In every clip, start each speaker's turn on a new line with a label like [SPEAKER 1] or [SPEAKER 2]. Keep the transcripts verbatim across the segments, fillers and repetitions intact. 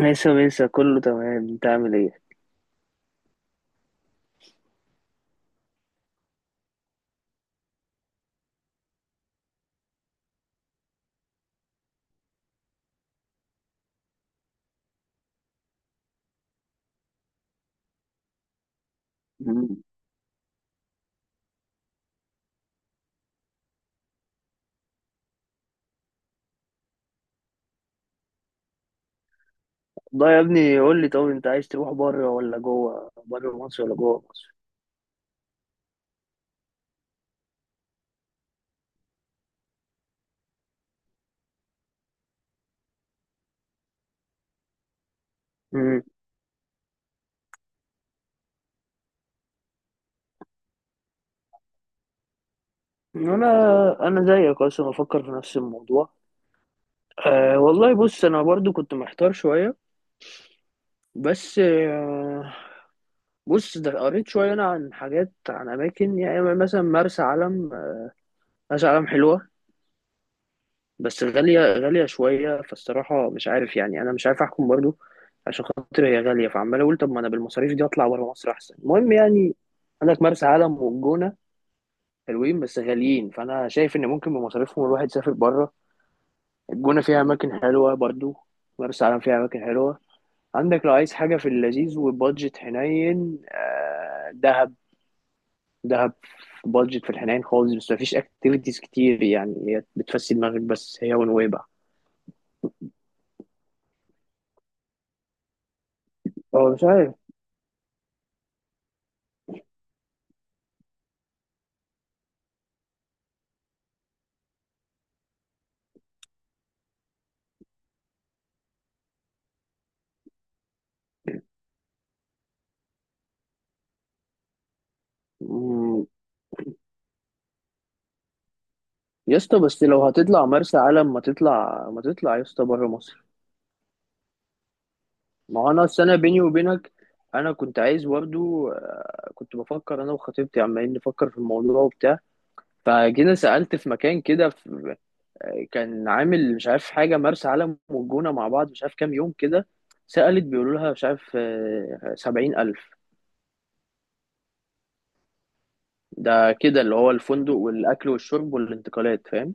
[SPEAKER 1] ماشي ماشي كله تمام، انت عامل ايه؟ مم. ده يا ابني قول لي، طب انت عايز تروح بره ولا جوه، بره مصر ولا جوه مصر؟ مم. انا انا زيك اصلا بفكر في نفس الموضوع. أه والله بص، انا برضو كنت محتار شويه، بس أه بص، ده قريت شويه انا عن حاجات، عن اماكن، يعني مثلا مرسى علم. آه، مرسى علم حلوه، بس غالية غالية شوية، فالصراحة مش عارف، يعني أنا مش عارف أحكم برضو، عشان خاطر هي غالية فعمال أقول طب ما أنا بالمصاريف دي أطلع بره مصر أحسن، المهم يعني. عندك مرسى علم والجونة، حلوين بس غاليين، فأنا شايف إن ممكن بمصاريفهم الواحد يسافر بره. الجونة فيها أماكن حلوة برضو، مرسى علم فيها أماكن حلوة. عندك لو عايز حاجة في اللذيذ وبادجت حنين، آه، دهب. دهب بادجت في الحنين خالص، بس مفيش اكتيفيتيز كتير، يعني هي بتفسي دماغك بس، هي ونويبع. اه مش عارف يا اسطى، بس لو هتطلع مرسى علم ما تطلع، ما تطلع يا اسطى بره مصر. ما هو انا أصل، انا بيني وبينك، انا كنت عايز برضه، آه، كنت بفكر انا وخطيبتي عمالين نفكر في الموضوع وبتاع، فجينا سألت في مكان كده في- آه، كان عامل مش عارف حاجه مرسى علم والجونه مع بعض مش عارف كام يوم كده. سألت بيقولوا لها مش عارف، آه، سبعين ألف. ده كده اللي هو الفندق والأكل والشرب والانتقالات، فاهم؟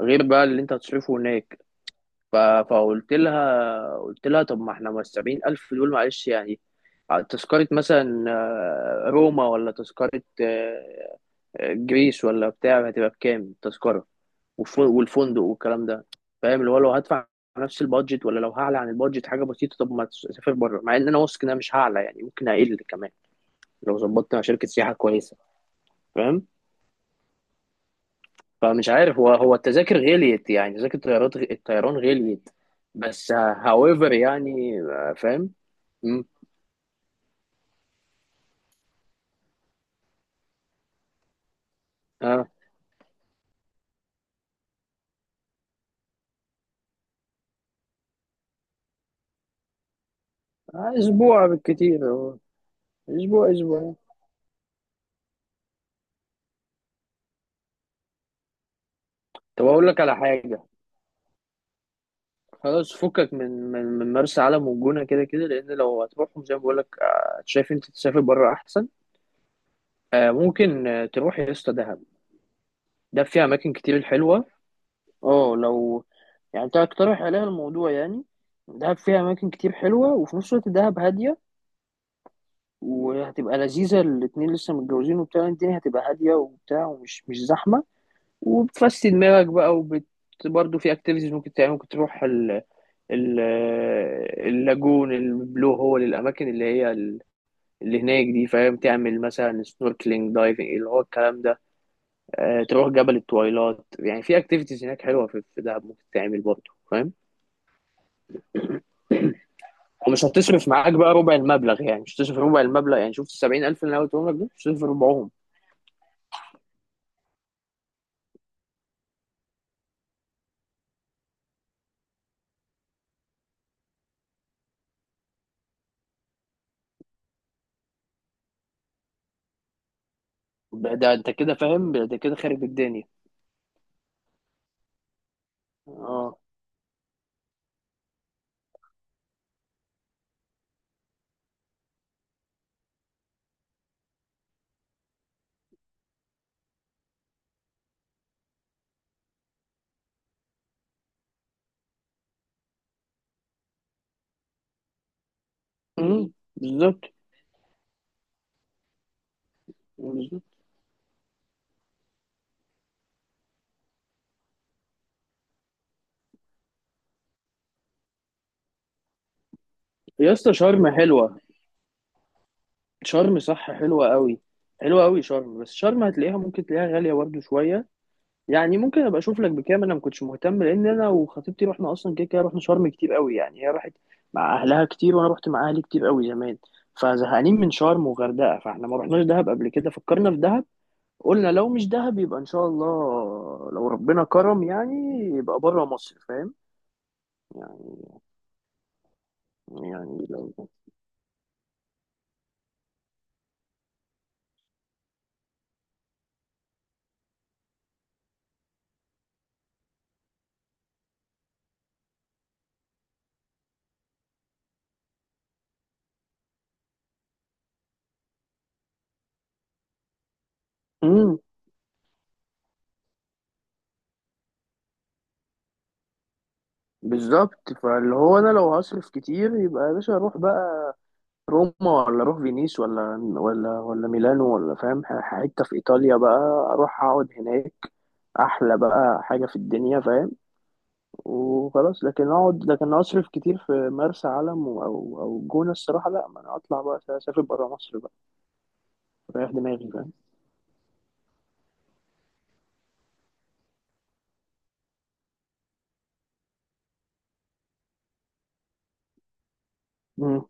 [SPEAKER 1] غير بقى اللي انت هتصرفه هناك. ف- فقلت لها، قلت لها طب ما احنا، ما السبعين ألف دول معلش يعني آه، تذكرة مثلا، آه، روما، ولا تذكرة آه، آه، جريس، ولا بتاع، هتبقى بكام التذكرة والف- والفندق والكلام ده، فاهم؟ اللي هو لو هدفع نفس البادجت، ولا لو هعلى عن البادجت حاجة بسيطة طب ما تسافر بره، مع ان انا واثق ان انا مش هعلى يعني، ممكن اقل كمان لو ظبطت مع شركة سياحة كويسة، فاهم؟ فمش عارف، هو هو التذاكر غليت، يعني تذاكر الطيارات، الطيران غليت. بس هاويفر يعني، آه، فاهم. مم. اه، آه، اسبوع بالكتير أهو. اسبوع اسبوع. طب اقول لك على حاجه، خلاص فكك من من من مرسى علم والجونه، كده كده لان لو هتروحهم زي ما بقول لك، آه، شايف انت تسافر بره احسن. آه ممكن، آه، تروح يا اسطى دهب، ده فيها اماكن كتير حلوه. اه لو يعني انت هتقترح عليها الموضوع يعني. دهب فيها اماكن كتير حلوه، وفي نفس الوقت دهب هاديه، وهتبقى لذيذه، الاتنين لسه متجوزين وبتاع، الدنيا هتبقى هاديه وبتاع، ومش مش زحمه، وبتفسي دماغك بقى، وبت برضه في اكتيفيتيز ممكن تعمل، ممكن تروح ال... ال... اللاجون، البلو هول، الاماكن اللي هي ال- اللي هناك دي، فاهم؟ تعمل مثلا سنوركلينج، دايفنج، اللي هو الكلام ده. آه، تروح جبل التويلات، يعني في اكتيفيتيز هناك حلوه في في دهب ممكن تعمل برضه، فاهم؟ ومش هتصرف معاك بقى ربع المبلغ، يعني مش هتصرف ربع المبلغ، يعني شفت السبعين ألف اللي أنا قلتهم لك دول؟ مش هتصرف ربعهم. ده ده أنت كده فاهم، ده ده كده خارب الدنيا. اه. أمم، بالظبط. بالظبط يا اسطى، شرم حلوة. شرم صح حلوة قوي، حلوة قوي شرم، بس شرم هتلاقيها، ممكن تلاقيها غالية برضه شوية، يعني ممكن ابقى اشوف لك بكام، انا ما كنتش مهتم لان انا وخطيبتي رحنا اصلا كده كده، رحنا شرم كتير قوي، يعني هي راحت مع اهلها كتير وانا رحت مع اهلي كتير قوي زمان، فزهقانين من شرم وغردقة، فاحنا ما رحناش دهب قبل كده، فكرنا في دهب. قلنا لو مش دهب يبقى ان شاء الله، لو ربنا كرم يعني، يبقى بره مصر، فاهم يعني؟ يعني لو امم، بالظبط. فاللي هو انا لو هصرف كتير يبقى يا باشا اروح بقى روما، ولا اروح فينيس، ولا ولا ولا ميلانو، ولا فاهم، ح- حته في ايطاليا بقى، اروح اقعد هناك، احلى بقى حاجه في الدنيا، فاهم؟ وخلاص. لكن اقعد، لكن اصرف كتير في مرسى علم و- او او الجونه، الصراحه لا، ما انا اطلع بقى اسافر بره مصر بقى، اريح دماغي، فاهم؟ مم.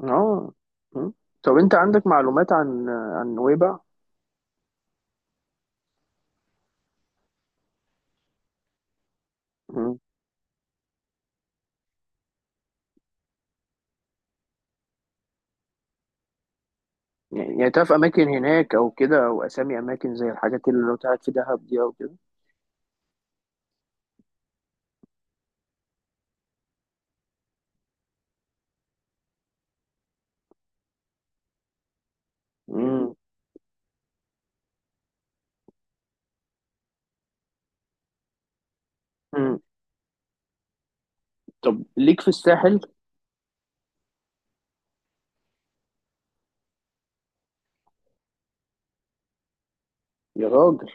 [SPEAKER 1] اه. مم. طب انت عندك معلومات عن عن نويبع؟ مم. يعني يعني تعرف اماكن هناك او كده، او اسامي اماكن زي الحاجات اللي لو قاعد في دهب دي او كده؟ مم. مم. طب ليك في الساحل؟ يا راجل.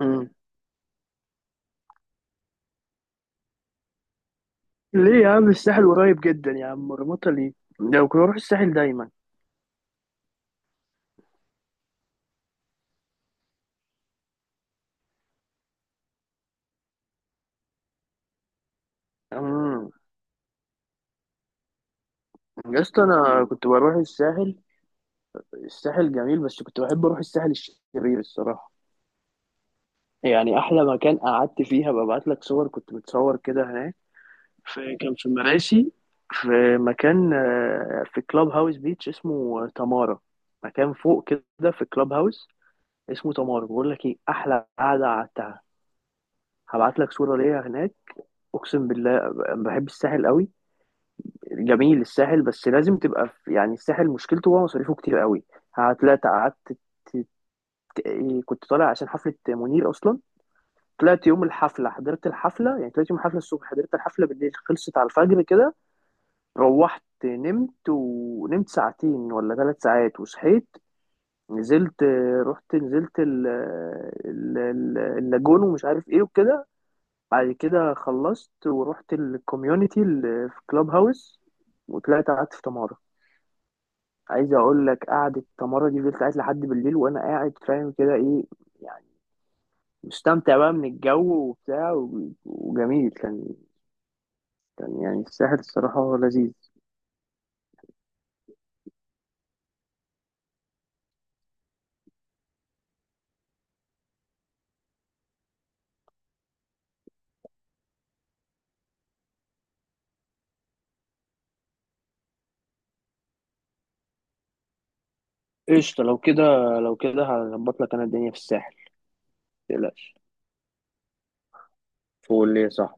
[SPEAKER 1] مم. ليه يا عم؟ الساحل قريب جدا يا عم، مرمطة ليه؟ لو كنت بروح الساحل دايما. مم. يا اسطى انا كنت بروح الساحل، الساحل جميل، بس كنت بحب اروح الساحل الشرير الصراحة، يعني احلى مكان قعدت فيها، ببعت لك صور كنت متصور كده هناك، في كان في مراسي، في مكان، آه، في كلاب هاوس بيتش اسمه تمارا، مكان فوق كده، في كلاب هاوس اسمه تمارا، بقول لك ايه احلى قعدة قعدتها، هبعت لك صورة ليا هناك، اقسم بالله. بحب الساحل قوي، جميل الساحل، بس لازم تبقى في، يعني الساحل مشكلته هو مصاريفه كتير قوي. هتلاقي قعدت ت- ت- إيه، كنت طالع عشان حفلة منير اصلا، طلعت يوم الحفلة، حضرت الحفلة، يعني طلعت يوم الحفلة الصبح، حضرت الحفلة بالليل، خلصت على الفجر كده، روحت نمت، ونمت ساعتين ولا ثلاث ساعات وصحيت، نزلت، رحت نزلت ال- ال- ال- اللاجون ومش عارف ايه وكده، بعد كده خلصت ورحت الكوميونتي اللي في كلاب هاوس، وطلعت قعدت في تمارا. عايز اقول لك، قعدة تمارا دي فضلت قاعد لحد بالليل وانا قاعد فاهم كده، ايه يعني، مستمتع بقى من الجو وبتاع، و- وجميل كان، كان يعني الساحل الصراحة هو لذيذ. قشطة لو كده، لو كده هظبط لك انا الدنيا في الساحل، متقلقش، فول ليه صح.